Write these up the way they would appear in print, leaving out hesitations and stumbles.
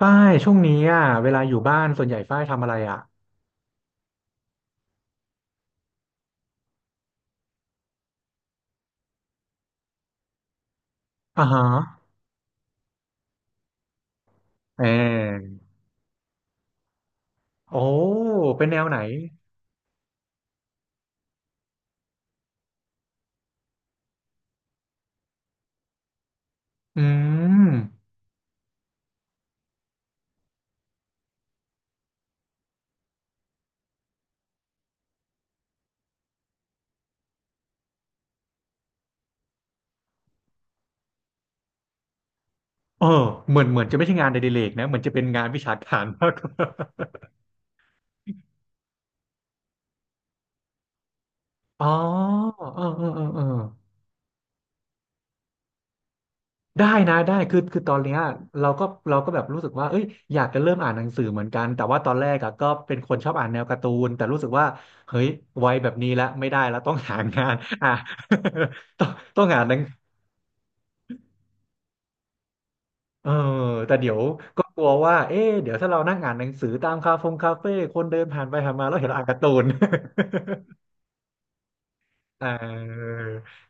ฝ้ายช่วงนี้อ่ะเวลาอยู่บ้านส่วนใหญ่ฝ้ายทำอะไรอ่ะอ่าฮะเออโอ้เป็นแนวไหนอืมเออเหมือนเหมือนจะไม่ใช่งานอดิเรกนะเหมือนจะเป็นงานวิชาการมากกว่าอ๋อเออเออเออเออได้นะได้คือตอนเนี้ยเราก็แบบรู้สึกว่าเอ้ยอยากจะเริ่มอ่านหนังสือเหมือนกันแต่ว่าตอนแรกอะก็เป็นคนชอบอ่านแนวการ์ตูนแต่รู้สึกว่าเฮ้ยวัยแบบนี้แล้วไม่ได้แล้วต้องหางานอ่ะ ต้องต้องหาหนัง เออแต่เดี๋ยวก็กลัวว่าเอ๊ะเดี๋ยวถ้าเรานั่งอ่านหนังสือตามคาเฟ่คนเดินผ่านไปผ่านมาแล้วเห็นเราอ่านการ์ตูน เออ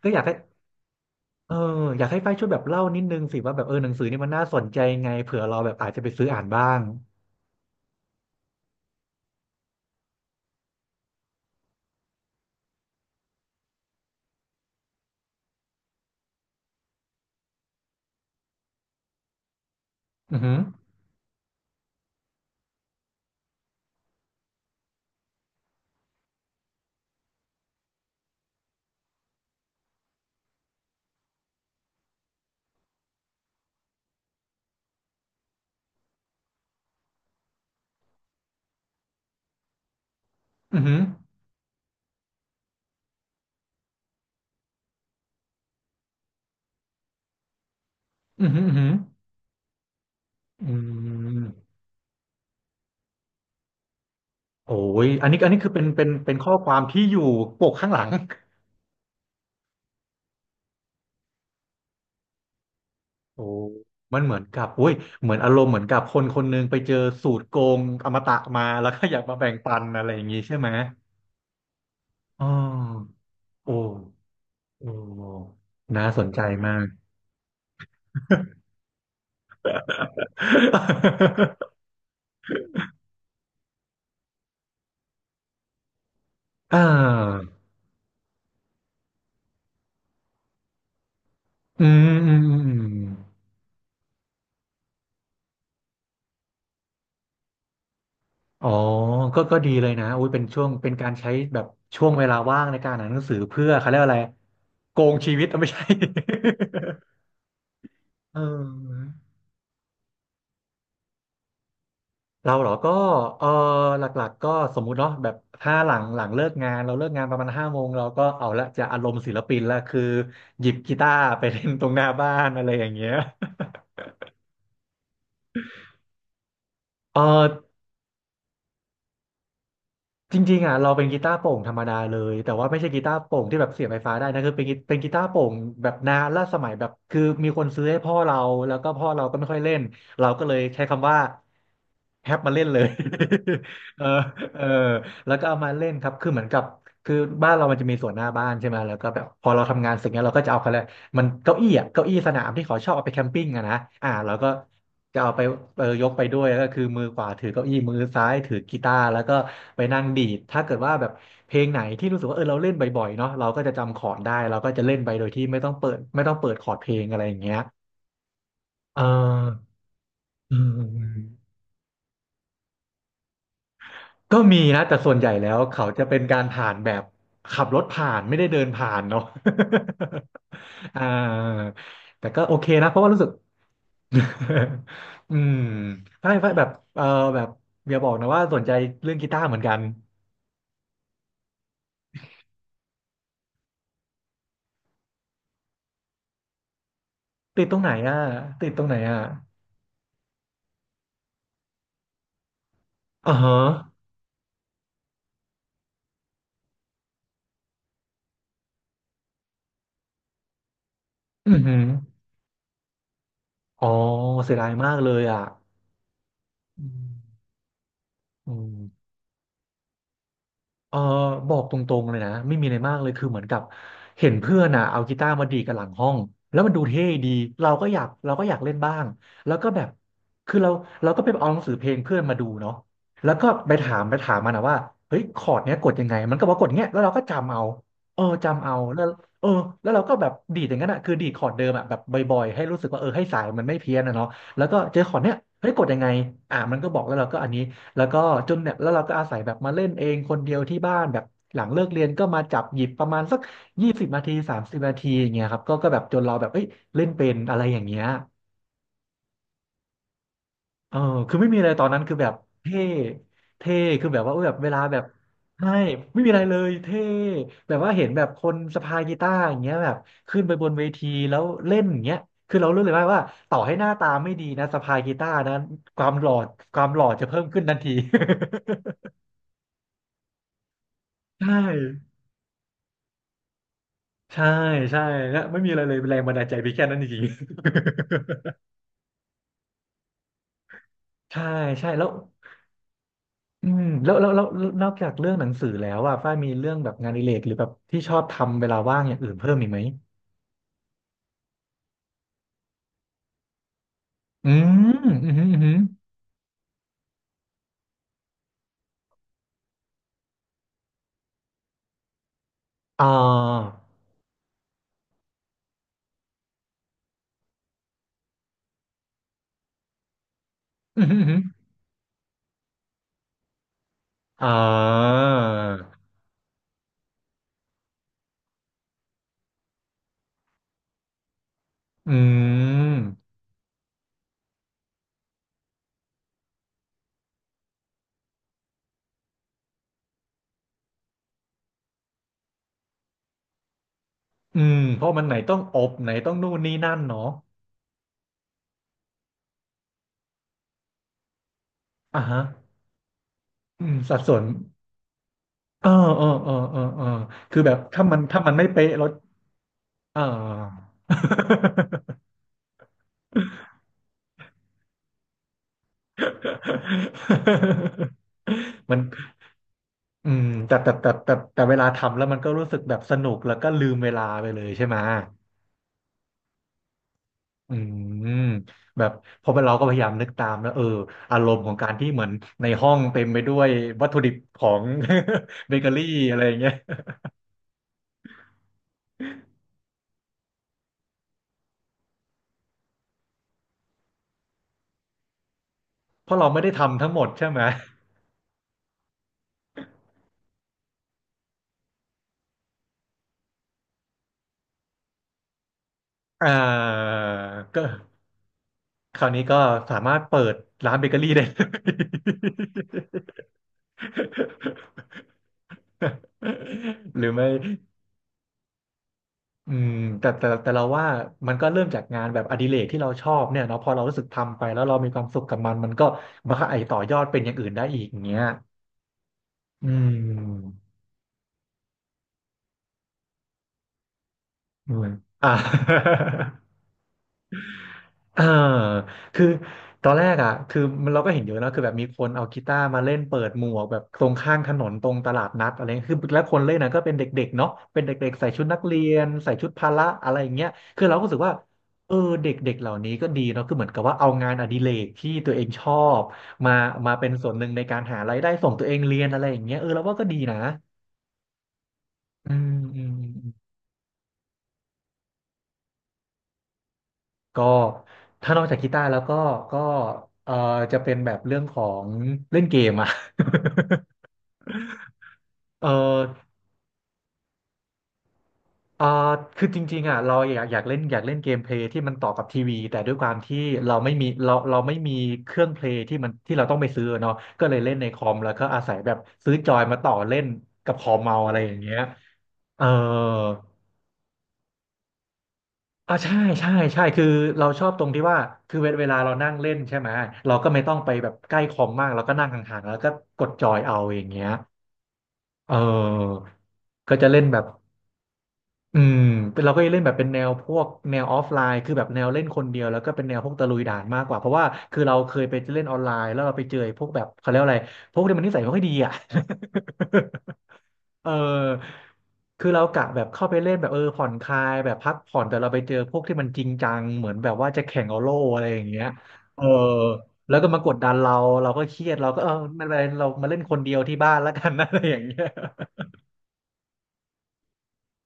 ก็อยากให้เอออยากให้ฝ้ายช่วยแบบเล่านิดนึงสิว่าแบบเออหนังสือนี่มันน่าสนใจไงเผื่อเราแบบอาจจะไปซื้ออ่านบ้างอือหืออือหืออือหืออือหืออืมโอ้ยอันนี้อันนี้คือเป็นข้อความที่อยู่ปกข้างหลัง โอ้มันเหมือนกับอุ้ยเหมือนอารมณ์เหมือนกับคนคนหนึงไปเจอสูตรโกงอมตะมาแล้วก็อยากมาแบ่งปันอะไรอย่างนี้ใช่ไหมอ๋อโอ้โอ้น่าสนใจมาก อ่าอืมอืมอืมอ๋อก็ก็ดีเลยนะอุ้ยเป็นช่วงเป็นการใช้แบบช่วงเวลาว่างในการอ่านหนังสือเพื่อเขาเรียกว่าอะไร โกงชีวิตอ่ะไม่ใช่ เออ เราเหรอก็เออหลักๆก็สมมุติเนาะแบบถ้าหลังหลังเลิกงานเราเลิกงานประมาณ5 โมงเราก็เอาละจะอารมณ์ศิลปินละคือหยิบกีตาร์ไปเล่นตรงหน้าบ้านอะไรอย่างเงี้ย เออ จริงๆอ่ะเราเป็นกีตาร์โปร่งธรรมดาเลยแต่ว่าไม่ใช่กีตาร์โปร่งที่แบบเสียบไฟฟ้าได้นะคือเป็นกีตาร์โปร่งแบบนานล่าสมัยแบบคือมีคนซื้อให้พ่อเราแล้วก็พ่อเราก็ไม่ค่อยเล่นเราก็เลยใช้คำว่าแฮปมาเล่นเลย เออเออแล้วก็เอามาเล่นครับคือเหมือนกับคือบ้านเรามันจะมีสวนหน้าบ้านใช่ไหมแล้วก็แบบพอเราทำงานเสร็จเนี้ยเราก็จะเอาเขาแหละ มันเก้าอี้อ่ะเก้าอี้สนามที่เขาชอบเอาไปแคมปิ้งอะนะอ่าเราก็จะเอาไปเออยกไปด้วยแล้วก็คือมือขวาถือเก้าอี้มือซ้ายถือกีตาร์แล้วก็ไปนั่งดีดถ้าเกิดว่าแบบเพลงไหนที่รู้สึกว่าเออเราเล่นบ่อยๆเนาะเราก็จะจำคอร์ดได้เราก็จะเล่นไปโดยที่ไม่ต้องเปิดคอร์ดเพลงอะไรอย่างเงี้ยเอออืมก็มีนะแต่ส่วนใหญ่แล้วเขาจะเป็นการผ่านแบบขับรถผ่านไม่ได้เดินผ่านเนาะ อ่าแต่ก็โอเคนะเพราะว่ารู้สึก อืมไม่ไม่แบบเออแบบอย่าบอกนะว่าสนใจเรื่องกีตาร์เหมือนกันติดตรงไหนอ่ะติดตรงไหนอ่ะอ่าฮะอือหืออ๋อเสียดายมากเลยอ่ะอืมอืม เออบอกตรงๆเลยนะไม่มีอะไรมากเลยคือเหมือนกับเห็นเพื่อนอ่ะเอากีตาร์มาดีดกันหลังห้องแล้วมันดูเท่ดีเราก็อยากเล่นบ้างแล้วก็แบบคือเราเราก็ไปเอาหนังสือเพลงเพื่อนมาดูเนาะแล้วก็ไปถามมันนะว่าเฮ้ยคอร์ดเนี้ยกดยังไงมันก็บอกว่ากดเงี้ยแล้วเราก็จำเอาเออจำเอาแล้วเออแล้วเราก็แบบดีดอย่างนั้นอ่ะคือดีดคอร์ดเดิมอ่ะแบบบ่อยๆให้รู้สึกว่าเออให้สายมันไม่เพี้ยนนะเนาะแล้วก็เจอคอร์ดเนี้ยเฮ้ยกดยังไงอ่ะมันก็บอกแล้วเราก็อันนี้ แล้วก็จนเนี่ยแล้วเราก็อาศัยแบบมาเล่นเองคนเดียวที่บ้านแบบหลังเลิกเรียนก็มาจับหยิบประมาณสัก20 นาที30 นาทีอย่างเงี้ยครับก็ก็แบบจนเราแบบเอ้ยเล่นเป็นอะไรอย่างเงี้ยเออคือไม่มีอะไรตอนนั้นคือแบบเท่เท่คือแบบว่าเออแบบเวลาแบบใช่ไม่มีอะไรเลยเท่แบบว่าเห็นแบบคนสะพายกีตาร์อย่างเงี้ยแบบขึ้นไปบนเวทีแล้วเล่นอย่างเงี้ยคือเรารู้เลยว่าต่อให้หน้าตาไม่ดีนะสะพายกีตาร์นะความหล่อความหล่อจะเพิ่มขึ้นทันที ใช่ ใช่ใช่แล้วไม่มีอะไรเลยแรงบันดาลใจไีแค่นั้นจริงๆ ใช่ใช่แล้วอืมแล้วนอกจากเรื่องหนังสือแล้วอ่ะฝ้ายมีเรื่องแบบงานอดิเรกหรือแบบที่ชอบทำเวลาว่างอย่างอื่นเพิ่มอีกไหมอืมอืมอหืมออื้อหืออ่าอืมอหืออื้อหืออ่าอืม อืม เพราะมันไหนต้องอบไหนต้องนู่นนี่นั่นเนาะอ่าฮะอืมสัดส่วนเออเออคือแบบถ้ามันไม่เป๊ะเราเออ มันอืมแต่เวลาทำแล้วมันก็รู้สึกแบบสนุกแล้วก็ลืมเวลาไปเลยใช่ไหมอืมแบบพอเราก็พยายามนึกตามแล้วเอออารมณ์ของการที่เหมือนในห้องเต็มไปด้วยวัตถุดิบของ เบเกอรี่อะไรอย่างเงี้ยเพราะเราไม่ได้ทำทั้งหมดใช่ไหมอ่าก็คราวนี้ก็สามารถเปิดร้านเบเกอรี่ได้เลย หรือไม่ อืมแต่เราว่ามันก็เริ่มจากงานแบบอดิเรกที่เราชอบเนี่ยเนาะพอเรารู้สึกทำไปแล้วเรามีความสุขกับมันมันก็ไอต่อยอดเป็นอย่างอื่นได้อีกอย่างเงี้ยอืมอืมอ่า อ่าคือตอนแรกอ่ะคือมันเราก็เห็นเยอะนะคือแบบมีคนเอากีตาร์มาเล่นเปิดหมวกแบบตรงข้างถนนตรงตลาดนัดอะไรเงี้ยคือแล้วคนเล่นนะก็เป็นเด็กๆเนาะเป็นเด็กๆใส่ชุดนักเรียนใส่ชุดพละอะไรอย่างเงี้ยคือเราก็รู้สึกว่าเออเด็กๆเหล่านี้ก็ดีเนาะคือเหมือนกับว่าเอางานอดิเรกที่ตัวเองชอบมามาเป็นส่วนหนึ่งในการหารายได้ส่งตัวเองเรียนอะไรอย่างเงี้ยเออเราว่าก็ดีนะอืมอืม ก็ถ้านอกจากกีตาร์แล้วก็ก็เออจะเป็นแบบเรื่องของเล่นเกมอะ เออเออคือจริงๆอ่ะเราอยากอยากเล่นอยากเล่นเกมเพลย์ที่มันต่อกับทีวีแต่ด้วยความที่เราไม่มีเครื่องเพลย์ที่มันที่เราต้องไปซื้อเนาะก็เลยเล่นในคอมแล้วก็อาศัยแบบซื้อจอยมาต่อเล่นกับคอมเมาอะไรอย่างเงี้ยเออ อ่าใช่ใช่ใช่คือเราชอบตรงที่ว่าคือเวลาเรานั่งเล่นใช่ไหมเราก็ไม่ต้องไปแบบใกล้คอมมากเราก็นั่งห่างๆแล้วก็กดจอยเอาอย่างเงี้ยเออก็จะเล่นแบบ อืมเป็นเราก็จะเล่นแบบเป็นแนวพวกแนวออฟไลน์คือแบบแนวเล่นคนเดียวแล้วก็เป็นแนวพวกตะลุยด่านมากกว่าเพราะว่าคือเราเคยไปเล่นออนไลน์แล้วเราไปเจอไอ้พวกแบบเขาเรียกว่าอะไรพวกที่มันนิสัยไม่ค่อยดีอ่ะ เออคือเรากะแบบเข้าไปเล่นแบบเออผ่อนคลายแบบพักผ่อนแต่เราไปเจอพวกที่มันจริงจังเหมือนแบบว่าจะแข่งเอาโล่อะไรอย่างเงี้ยเออแล้วก็มากดดันเราเราก็เครียดเราก็เออไม่เป็นไรเรามาเล่นคนเดียวที่บ้านแล้วกัน อะไรอย่างเงี้ย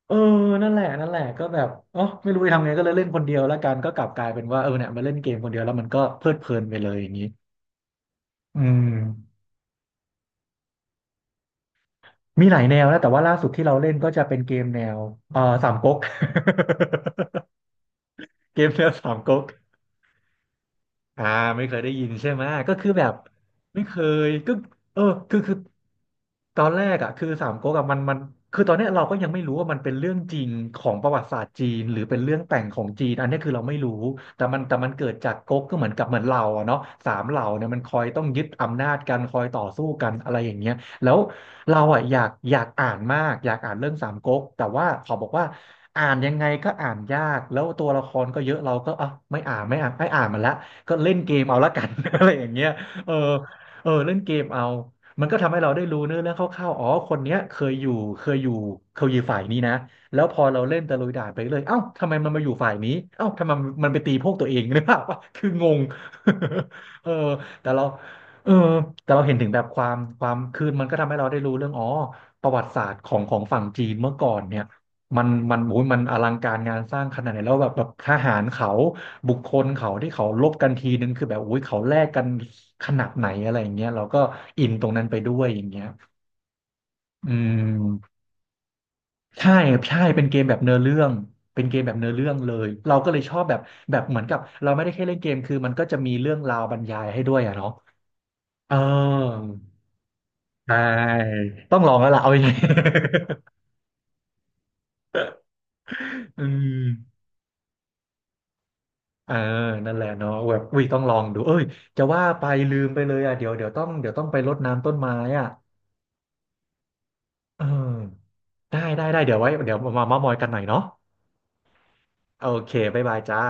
เออนั่นแหละก็แบบอ๋อไม่รู้จะทำไงก็เลยเล่นคนเดียวแล้วกันก็กลับกลายเป็นว่าเออเนี่ยมาเล่นเกมคนเดียวแล้วมันก็เพลิดเพลินไปเลยอย่างนี้อืมมีหลายแนวนะแต่ว่าล่าสุดที่เราเล่นก็จะเป็นเกมแนวสามก๊ก เกมแนวสามก๊ก อ่าไม่เคยได้ยินใช่ไหมก็คือแบบไม่เคยก็เออคือตอนแรกอ่ะคือสามก๊กอะมันคือตอนเนี้ยเราก็ยังไม่รู้ว่ามันเป็นเรื่องจริงของประวัติศาสตร์จีนหรือเป็นเรื่องแต่งของจีนอันเนี้ยคือเราไม่รู้แต่มันเกิดจากก๊กก็เหมือนกับเหมือนเราอะเนาะสามเหล่าเนี่ยมันคอยต้องยึดอำนาจกันคอยต่อสู้กันอะไรอย่างเงี้ยแล้วเราอ่ะอยากอ่านมากอยากอ่านเรื่องสามก๊กแต่ว่าเขาบอกว่าอ่านยังไงก็อ่านยากแล้วตัวละครก็เยอะเราก็อ่ะไม่อ่านมันละ ก็เล่นเกมเอาละกัน อะไรอย่างเงี้ยเออเออเล่นเกมเอา มันก็ทำให้เราได้รู้เนื้อเรื่องคร่าวๆอ๋อคนเนี้ยเคยอยู่เคยอยู่ฝ่ายนี้นะแล้วพอเราเล่นตะลุยด่านไปเลยเอ้าทำไมมันมาอยู่ฝ่ายนี้เอ้าทำไมมันไปตีพวกตัวเอง หรือเปล่าวะคืองง เออแต่เราเออแต่เราเห็นถึงแบบความคือมันก็ทำให้เราได้รู้เรื่องอ๋อประวัติศาสตร์ของฝั่งจีนเมื่อก่อนเนี่ยมันโอ้ยมันอลังการงานสร้างขนาดไหนแล้วแบบทหารเขา บุคคลเขาที่เขาลบกันทีนึงคือแบบอุ้ยเขาแลกกันขนาดไหนอะไรอย่างเงี้ยเราก็อินตรงนั้นไปด้วยอย่างเงี้ยอืมใช่ใช่เป็นเกมแบบเนื้อเรื่องเป็นเกมแบบเนื้อเรื่องเลยเราก็เลยชอบแบบแบบเหมือนกับเราไม่ได้แค่เล่นเกมคือมันก็จะมีเรื่องราวบรรยายให้ด้วยอะเนาะเออใช่ต้องลองแล้วล่ะเอาอย่างงี้ อืมเออนั่นแหละเนาะแบบอุ้ยต้องลองดูเอ้ยจะว่าไปลืมไปเลยอ่ะเดี๋ยวเดี๋ยวต้องเดี๋ยวต้องไปรดน้ำต้นไม้อ่ะเออ ได้เดี๋ยวไว้เดี๋ยวมาเม้ามอยกันหน่อยเนาะโอเคบ๊ายบายจ้า